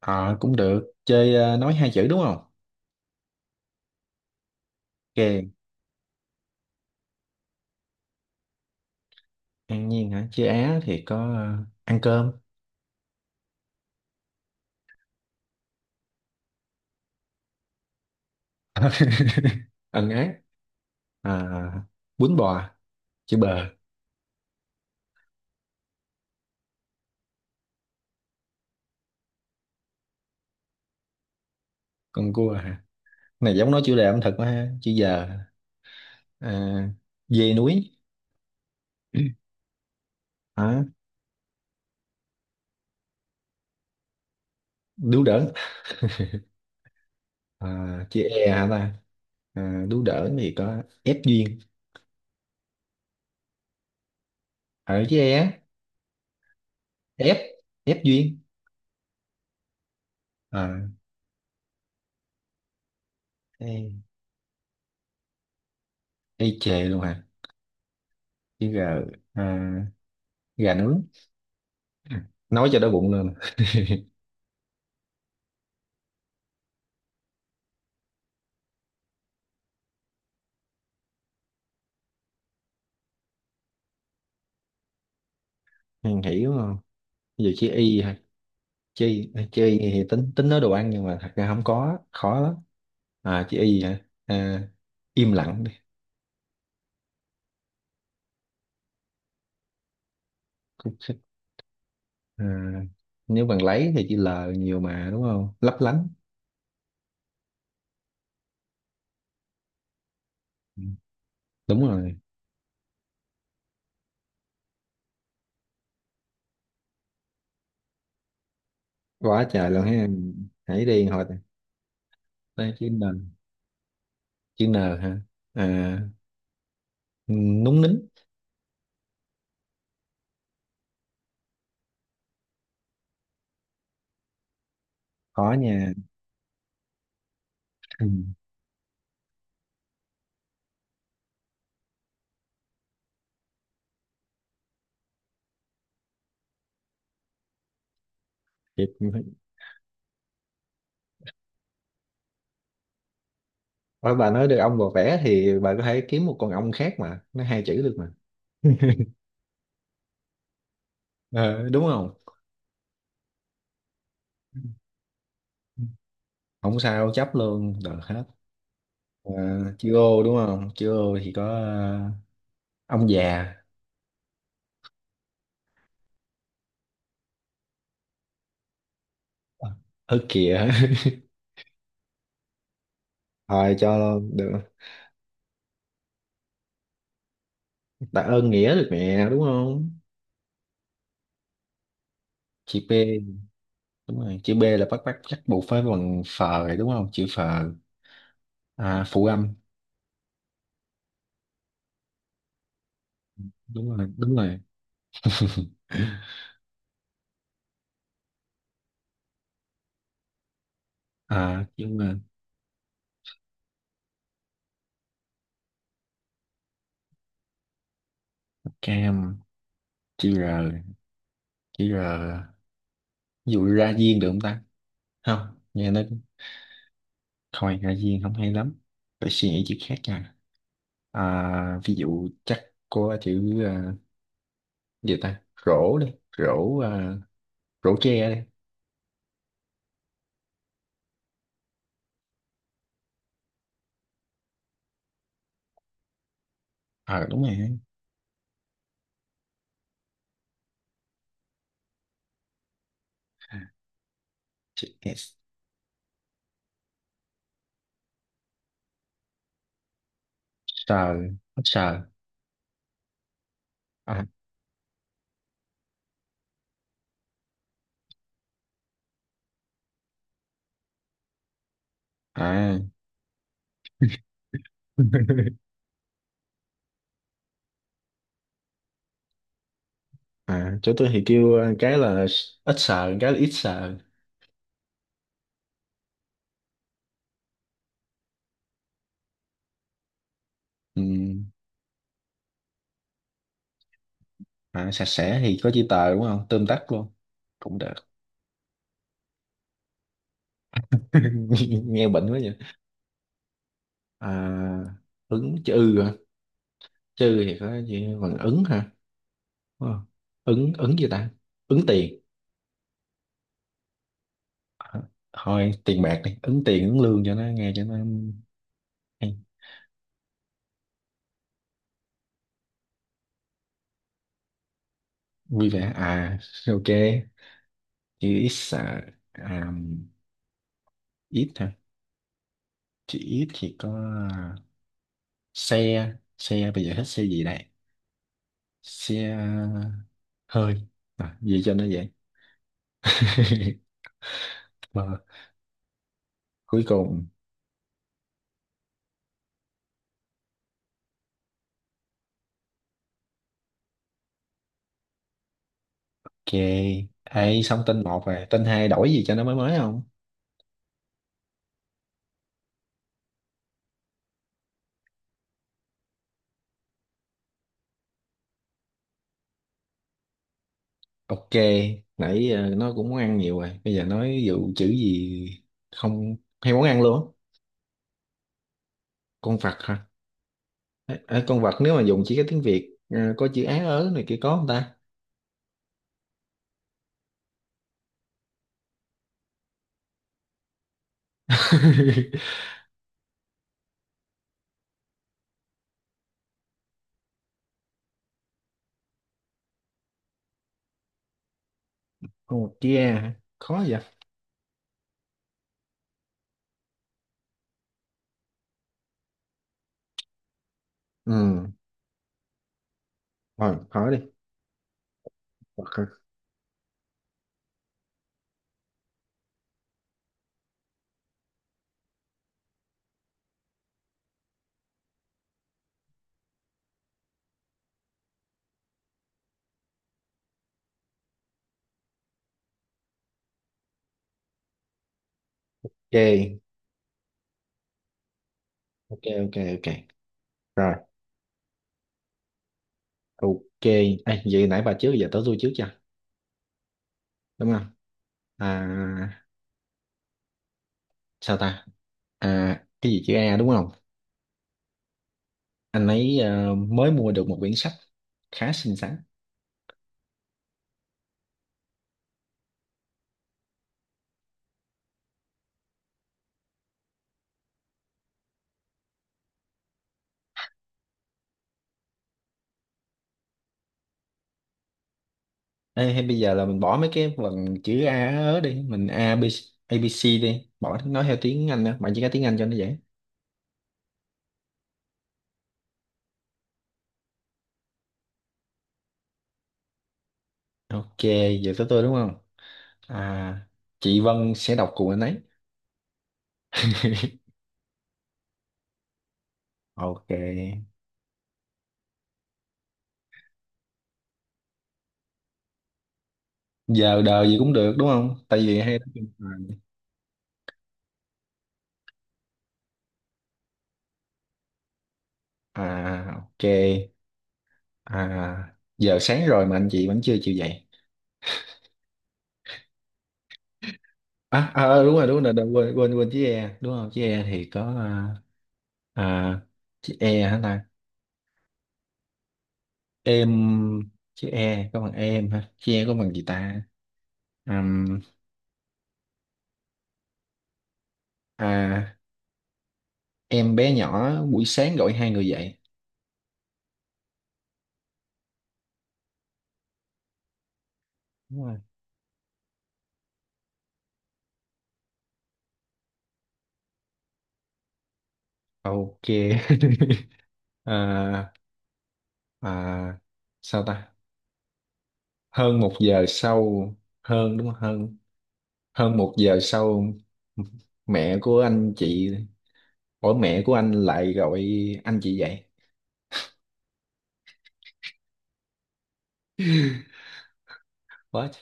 Ờ cũng được chơi nói hai chữ, đúng không? Ok, an nhiên hả? Chơi á thì có ăn cơm. Ẩn ái. à, Bún bò, chữ bờ. Con cua hả? Này giống nói chủ đề ẩm thực quá ha. Chữ giờ, à, dê núi. Hả? Đú đỡn. Chữ e hả ta? Đú đỡn thì có ép duyên. Ở chữ e á, ép, ép duyên. à, E, e chề luôn hả? Chữ g, à, gà nướng. Nói cho đói bụng luôn. Hàng, hiểu không? Ví dụ chữ Y hả? Chữ Y, chữ Y thì tính tính nói đồ ăn nhưng mà thật ra không có, khó lắm. À, chữ Y hả? À, im lặng đi. Cũng thích. À, nếu bằng lấy thì chữ L nhiều mà đúng không? Lấp lánh. Ừ, đúng rồi. Quá trời luôn ha. Hãy đi hồi nè. Đây chữ N. Chữ N hả? À, núng nính. Khó nha. Ừ. Thiệt. Thôi bà nói được ong vò vẽ thì bà có thể kiếm một con ong khác mà. Nó hai chữ được mà. Ờ, đúng không? Không sao, chấp luôn được hết. à, Chữ ô đúng không? Chữ ô thì có, ông già. Ờ, ớ kìa. Thôi cho luôn được. Tạ ơn nghĩa được mẹ đúng không? Chữ P. Đúng rồi, chữ B là bắt bắt chắc buộc phải bằng phờ rồi đúng không? Chữ phờ, phụ âm. Đúng rồi, đúng rồi. À, nhưng mà cam. Chữ R, chữ R, ví dụ ra diên được không ta? Không nghe nó. Thôi Hạ Viên không hay lắm. Phải suy nghĩ chữ khác nha. À, ví dụ chắc có chữ, gì ta? Rổ đi. Rổ, rổ tre đi. Ờ đúng rồi. Chữ S. Sờ. Ít sờ. À. À. À, chỗ tôi thì kêu cái là ít sờ, cái là ít sờ. Ừ. À, sạch sẽ thì có chữ tờ đúng không? Tóm tắt luôn. Cũng được. Nghe bệnh quá vậy. À, ứng chữ ư hả? Chữ thì có chữ bằng ứng hả? Ờ. Ứng, ứng gì ta? Ứng tiền. Hả? Thôi tiền bạc đi, ứng tiền, ứng lương cho nó nghe, cho nó hay. Vui vẻ à? Ok, chữ ít, à, ít hả? Chữ ít thì có, à, xe, xe bây giờ hết xe gì đây? Xe hơi, gì cho nó vậy? Mà cuối cùng ok. Ấy xong tên một rồi, tên hai đổi gì cho nó mới mới không? Ok, nãy nó cũng món ăn nhiều rồi. Bây giờ nói dụ chữ gì không hay món ăn luôn á. Con vật hả? Ờ, ờ, con vật nếu mà dùng chỉ cái tiếng Việt có chữ á ớ này kia có không ta? Con vật kia hả? Khó vậy. Ừ, rồi hỏi đi. Vật hả? Ok, ok, ok, ok. Rồi, ok. Ê, vậy nãy bà trước giờ tới tôi trước chưa? Đúng không? À, sao ta? À, cái gì chữ A đúng không? Anh ấy mới mua được một quyển sách khá xinh xắn. Ê, hay bây giờ là mình bỏ mấy cái vần chữ A ớ đi, mình A B a, ABC đi, bỏ nói theo tiếng Anh đó bạn, chỉ có tiếng Anh cho nó dễ. Ok, giờ tới tôi đúng không? À, chị Vân sẽ đọc cùng anh ấy. Ok, giờ đời gì cũng được đúng không, tại vì hay nói chung là- à ok, à giờ sáng rồi mà anh chị vẫn chưa chịu dậy. À, à ờ, đúng rồi, quên quên quên chữ E đúng không? Chữ E thì có, à, chữ E hả ta? Em. Chữ e có bằng em ha? Chữ e có bằng gì ta? Ừm, à, em bé nhỏ buổi sáng gọi hai người dậy. Đúng rồi. Ok. À, à, sao ta? Hơn một giờ sau, hơn đúng không? Hơn, hơn một giờ sau mẹ của anh chị, ủa mẹ của anh lại gọi anh chị dậy. What?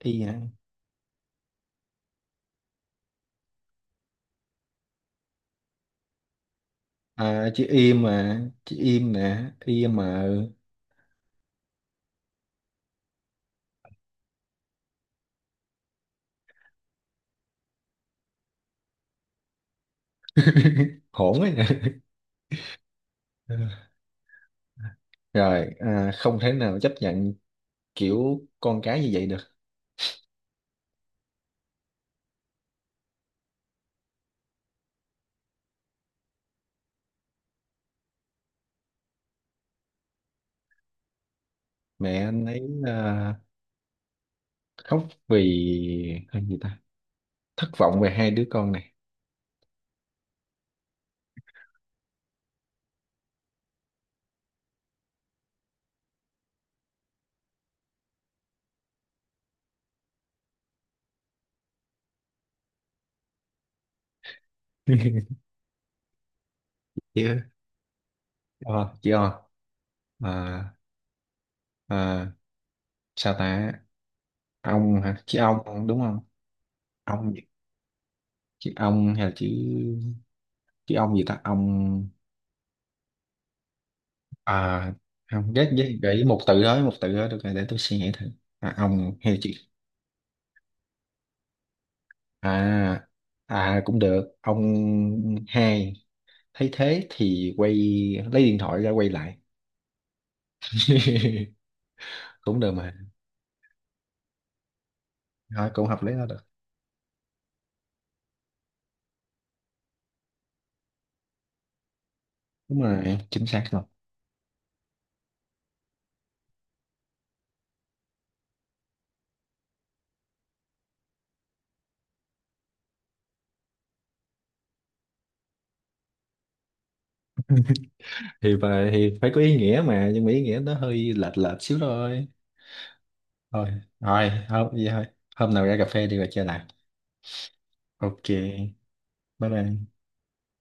Y hả? À chữ im mà, chữ im nè, im mà. Hổn ấy. Ừ. Rồi à, không thể nào chấp nhận kiểu con cái như vậy được. Mẹ anh ấy, à, khóc vì hay gì ta? Thất vọng về hai đứa con này. Chị ơi, ờ, chị O, à, à, sao ta? Ông hả? Chị ông đúng không? Ông. Chị ông hay là chị? Chị ông gì ta? Ông, à không ghét với, gợi ý một từ đó, một từ đó được rồi để tôi suy nghĩ thử. À, ông hay chị? À à, cũng được. Ông hai thấy thế thì quay, lấy điện thoại ra quay lại. Cũng được mà. Thôi cũng hợp lý đó, được. Đúng rồi, chính xác rồi. Thì phải có ý nghĩa mà, nhưng mà ý nghĩa nó hơi lệch lệch xíu thôi. Thôi, thôi hôm vậy thôi. Hôm nào ra cà phê đi rồi chơi lại. Ok. Bye bye.